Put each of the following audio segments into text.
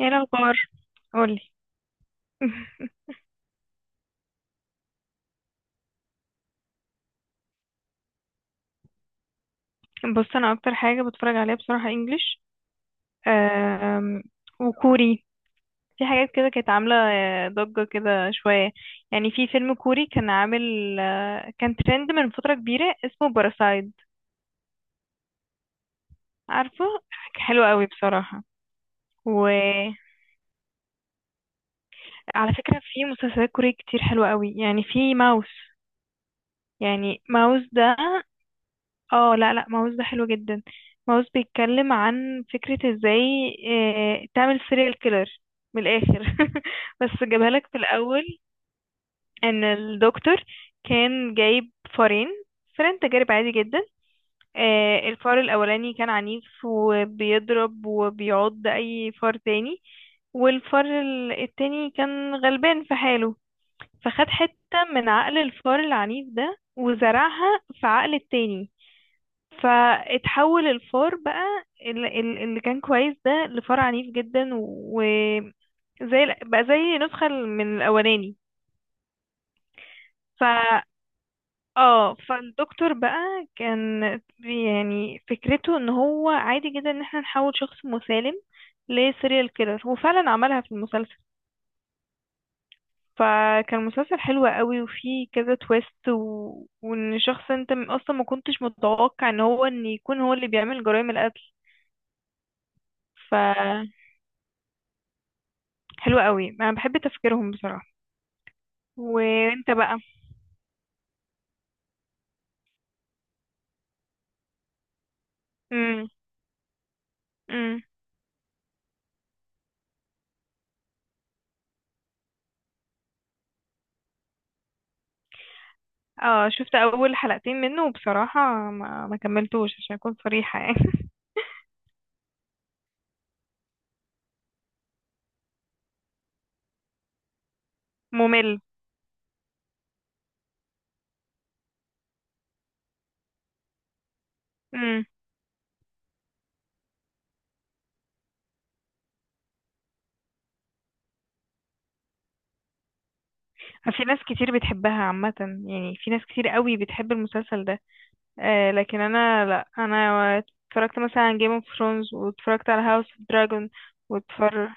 ايه الاخبار؟ قولي. بص، انا اكتر حاجه بتفرج عليها بصراحه انجليش، أم، وكوري. في حاجات كده كانت عامله ضجه كده شويه. يعني في فيلم كوري كان عامل، كان ترند من فتره كبيره اسمه باراسايد. عارفه، حلو قوي بصراحه. وعلى فكره في مسلسلات كوري كتير حلوه قوي، يعني في ماوس. يعني ماوس ده، اه لا لا، ماوس ده حلو جدا. ماوس بيتكلم عن فكرة ازاي تعمل سيريال كيلر من الاخر. بس جابها لك في الاول، ان الدكتور كان جايب فارين، تجارب عادي جدا. الفار الاولاني كان عنيف وبيضرب وبيعض اي فار تاني، والفار التاني كان غلبان في حاله. فخد حتة من عقل الفار العنيف ده وزرعها في عقل التاني. فاتحول الفار بقى اللي كان كويس ده لفار عنيف جدا، وزي بقى زي نسخة من الأولاني. ف اه، فالدكتور بقى كان، يعني فكرته ان هو عادي جدا ان احنا نحول شخص مسالم لسيريال كيلر، وفعلا عملها في المسلسل. فكان مسلسل حلو قوي وفيه كذا تويست، وان شخص انت اصلا ما كنتش متوقع ان هو ان يكون هو اللي بيعمل جرائم القتل. ف حلو قوي، انا بحب تفكيرهم بصراحة. وانت بقى؟ امم. امم. اه شفت اول حلقتين منه، وبصراحة ما كملتوش عشان اكون صريحة يعني. ممل. امم. في ناس كتير بتحبها عامة، يعني في ناس كتير قوي بتحب المسلسل ده. آه، لكن انا لا، انا اتفرجت مثلا على جيم اوف ثرونز، واتفرجت على هاوس اوف دراجون واتفر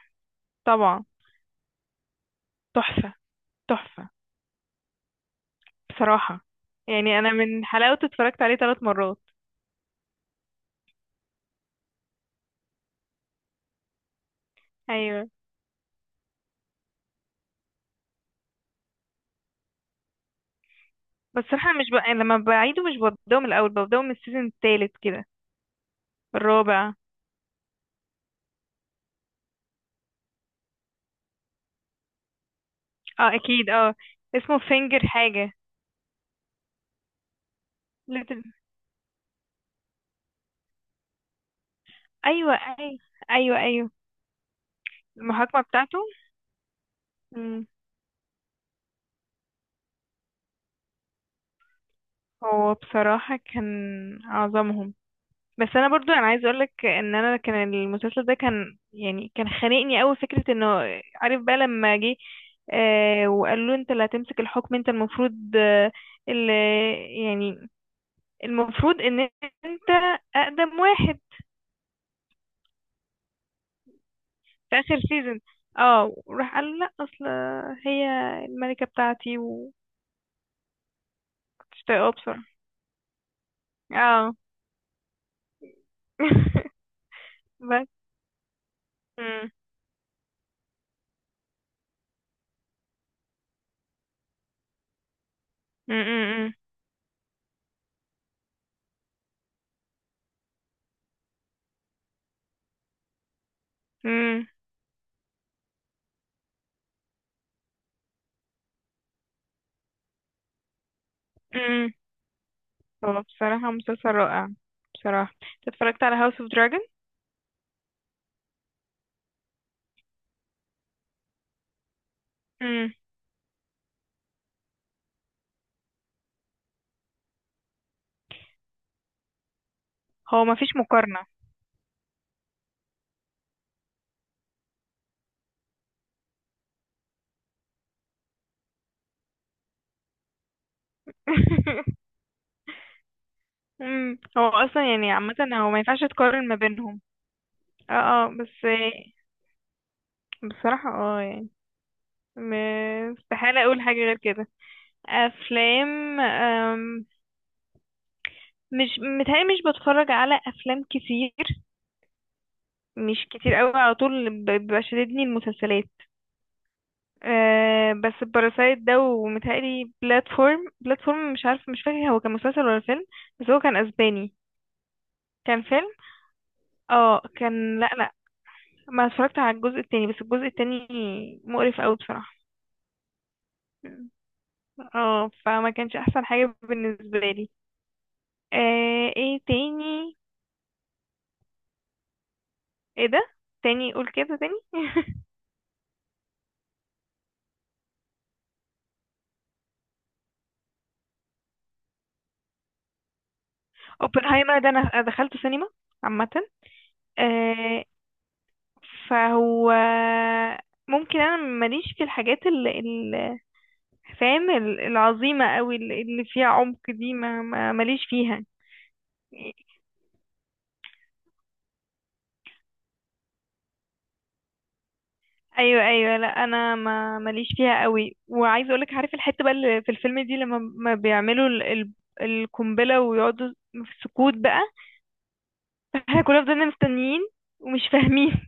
طبعا. تحفة. تحفة بصراحة، يعني انا من حلاوته اتفرجت عليه 3 مرات. ايوه. بس احنا مش بقى لما بعيده مش ببدأه من الاول، ببدأه من السيزون التالت كده، الرابع. اه اكيد اه. اسمه فينجر حاجة. ليتل. ايوه ايوه، ايوه ايوه، المحاكمة بتاعته. مم. هو بصراحة كان اعظمهم. بس انا برضو انا عايز اقولك ان انا كان المسلسل ده كان يعني كان خانقني قوي فكرة انه، عارف بقى لما جه وقالوا له انت اللي هتمسك الحكم، انت المفروض اللي، يعني المفروض ان انت اقدم واحد. في اخر سيزون. اه وراح قال لا، اصل هي الملكة بتاعتي وكنتش طايقاها بصراحة. اه. بس. مم. مم. مم. مم. مم. هو بصراحة مسلسل رائع. بصراحة انت اتفرجت على هاوس اوف دراجون؟ مم. هو مفيش مقارنة. مم. هو اصلا يعني عامة هو ما ينفعش تقارن ما بينهم. اه اه. بس بصراحة اه، يعني استحالة اقول حاجة غير كده. افلام. مش متهيألي مش بتفرج على افلام كتير، مش كتير قوي على طول. بيبقى شاددني المسلسلات. أه، بس باراسايت ده ومتهيألي بلاتفورم. مش عارف، مش فاكر هو كان مسلسل ولا فيلم. بس هو كان اسباني، كان فيلم. اه كان، لا لا، ما اتفرجت على الجزء التاني. بس الجزء التاني مقرف قوي بصراحة. اه، فما كانش احسن حاجة بالنسبة لي. أه ايه تاني؟ ايه ده؟ تاني قول كده تاني. اوبنهايمر ده انا دخلته سينما. عامة آه، فهو، ممكن انا ماليش في الحاجات فاهم العظيمه قوي اللي اللي فيها عمق دي، ماليش فيها. ايوه ايوه. لا انا ما ماليش فيها قوي، وعايزه اقولك، عارف الحته بقى اللي في الفيلم دي لما ما بيعملوا القنبله ويقعدوا في سكوت بقى، احنا كلنا فضلنا مستنيين ومش فاهمين.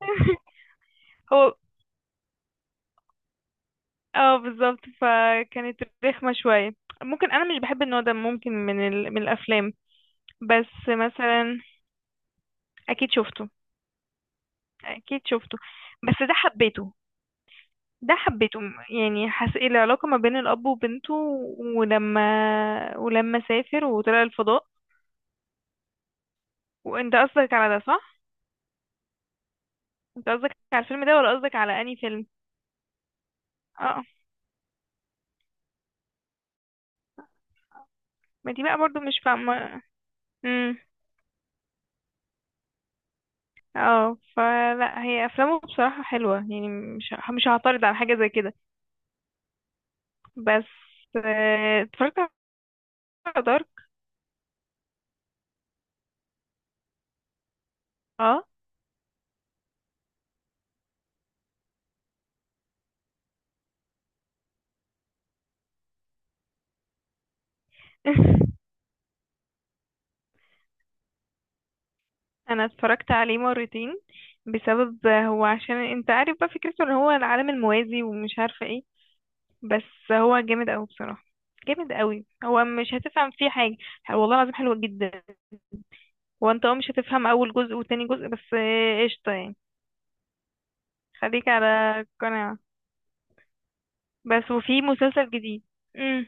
هو اه بالظبط، فكانت رخمه شويه. ممكن انا مش بحب النوع ده، ممكن من الافلام. بس مثلا، اكيد شفته، اكيد شفته، بس ده حبيته. ده حبيته يعني، حس العلاقة ما بين الاب وبنته، ولما ولما سافر وطلع الفضاء. وانت قصدك على ده صح؟ انت قصدك على الفيلم ده ولا قصدك على انهي فيلم؟ اه، ما دي بقى برضو مش فاهمة. امم. اه فلا، هي افلامه بصراحة حلوة يعني، مش مش هعترض على حاجة زي كده. بس اتفرجت على دارك. اه. انا اتفرجت عليه مرتين بسبب هو، عشان انت عارف بقى فكرته ان هو العالم الموازي ومش عارفه ايه. بس هو جامد قوي بصراحه، جامد قوي. هو مش هتفهم فيه حاجه، والله العظيم حلو جدا. وانت اه مش هتفهم اول جزء وتاني جزء، بس قشطه يعني. خليك على قناعه. بس وفي مسلسل جديد. امم.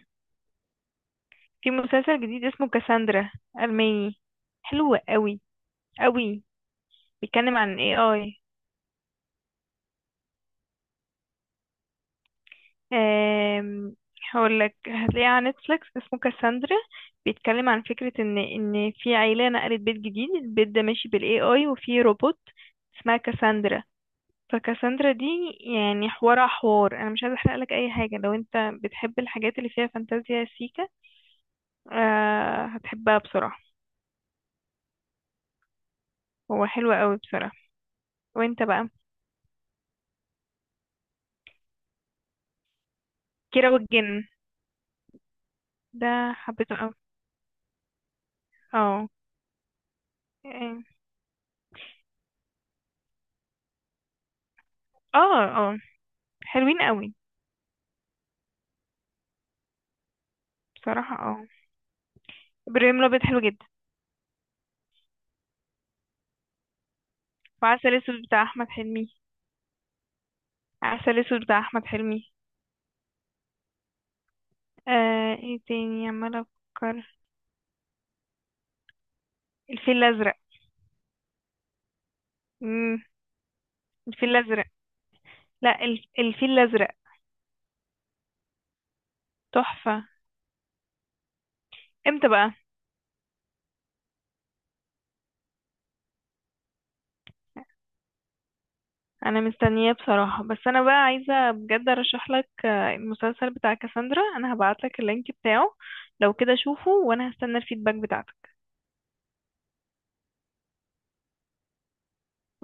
في مسلسل جديد اسمه كاساندرا، الماني، حلو قوي قوي. بيتكلم عن اي اي. آم، هقولك هتلاقيه على نتفليكس، اسمه كاساندرا. بيتكلم عن فكرة ان في عيلة نقلت بيت جديد، البيت ده ماشي بالاي اي، وفي روبوت اسمها كاساندرا. فكاساندرا دي يعني، حوار انا مش عايزة احرقلك اي حاجة. لو انت بتحب الحاجات اللي فيها فانتازيا سيكا، آه هتحبها بصراحة. هو حلو قوي بصراحة. وانت بقى؟ كيرة والجن ده حبيته قوي. اه اه اه. حلوين قوي بصراحة. اه. ابراهيم الابيض حلو جدا. وعسل اسود بتاع احمد حلمي. عسل اسود بتاع احمد حلمي. آه ايه تاني عمالة افكر. الفيل الازرق. امم. الفيل الازرق. لا الفيل الازرق تحفة. امتى بقى؟ انا مستنية بصراحة. بس انا بقى عايزة بجد ارشح لك المسلسل بتاع كاساندرا. انا هبعت لك اللينك بتاعه، لو كده شوفه، وانا هستنى الفيدباك بتاعتك.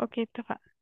اوكي، اتفقنا.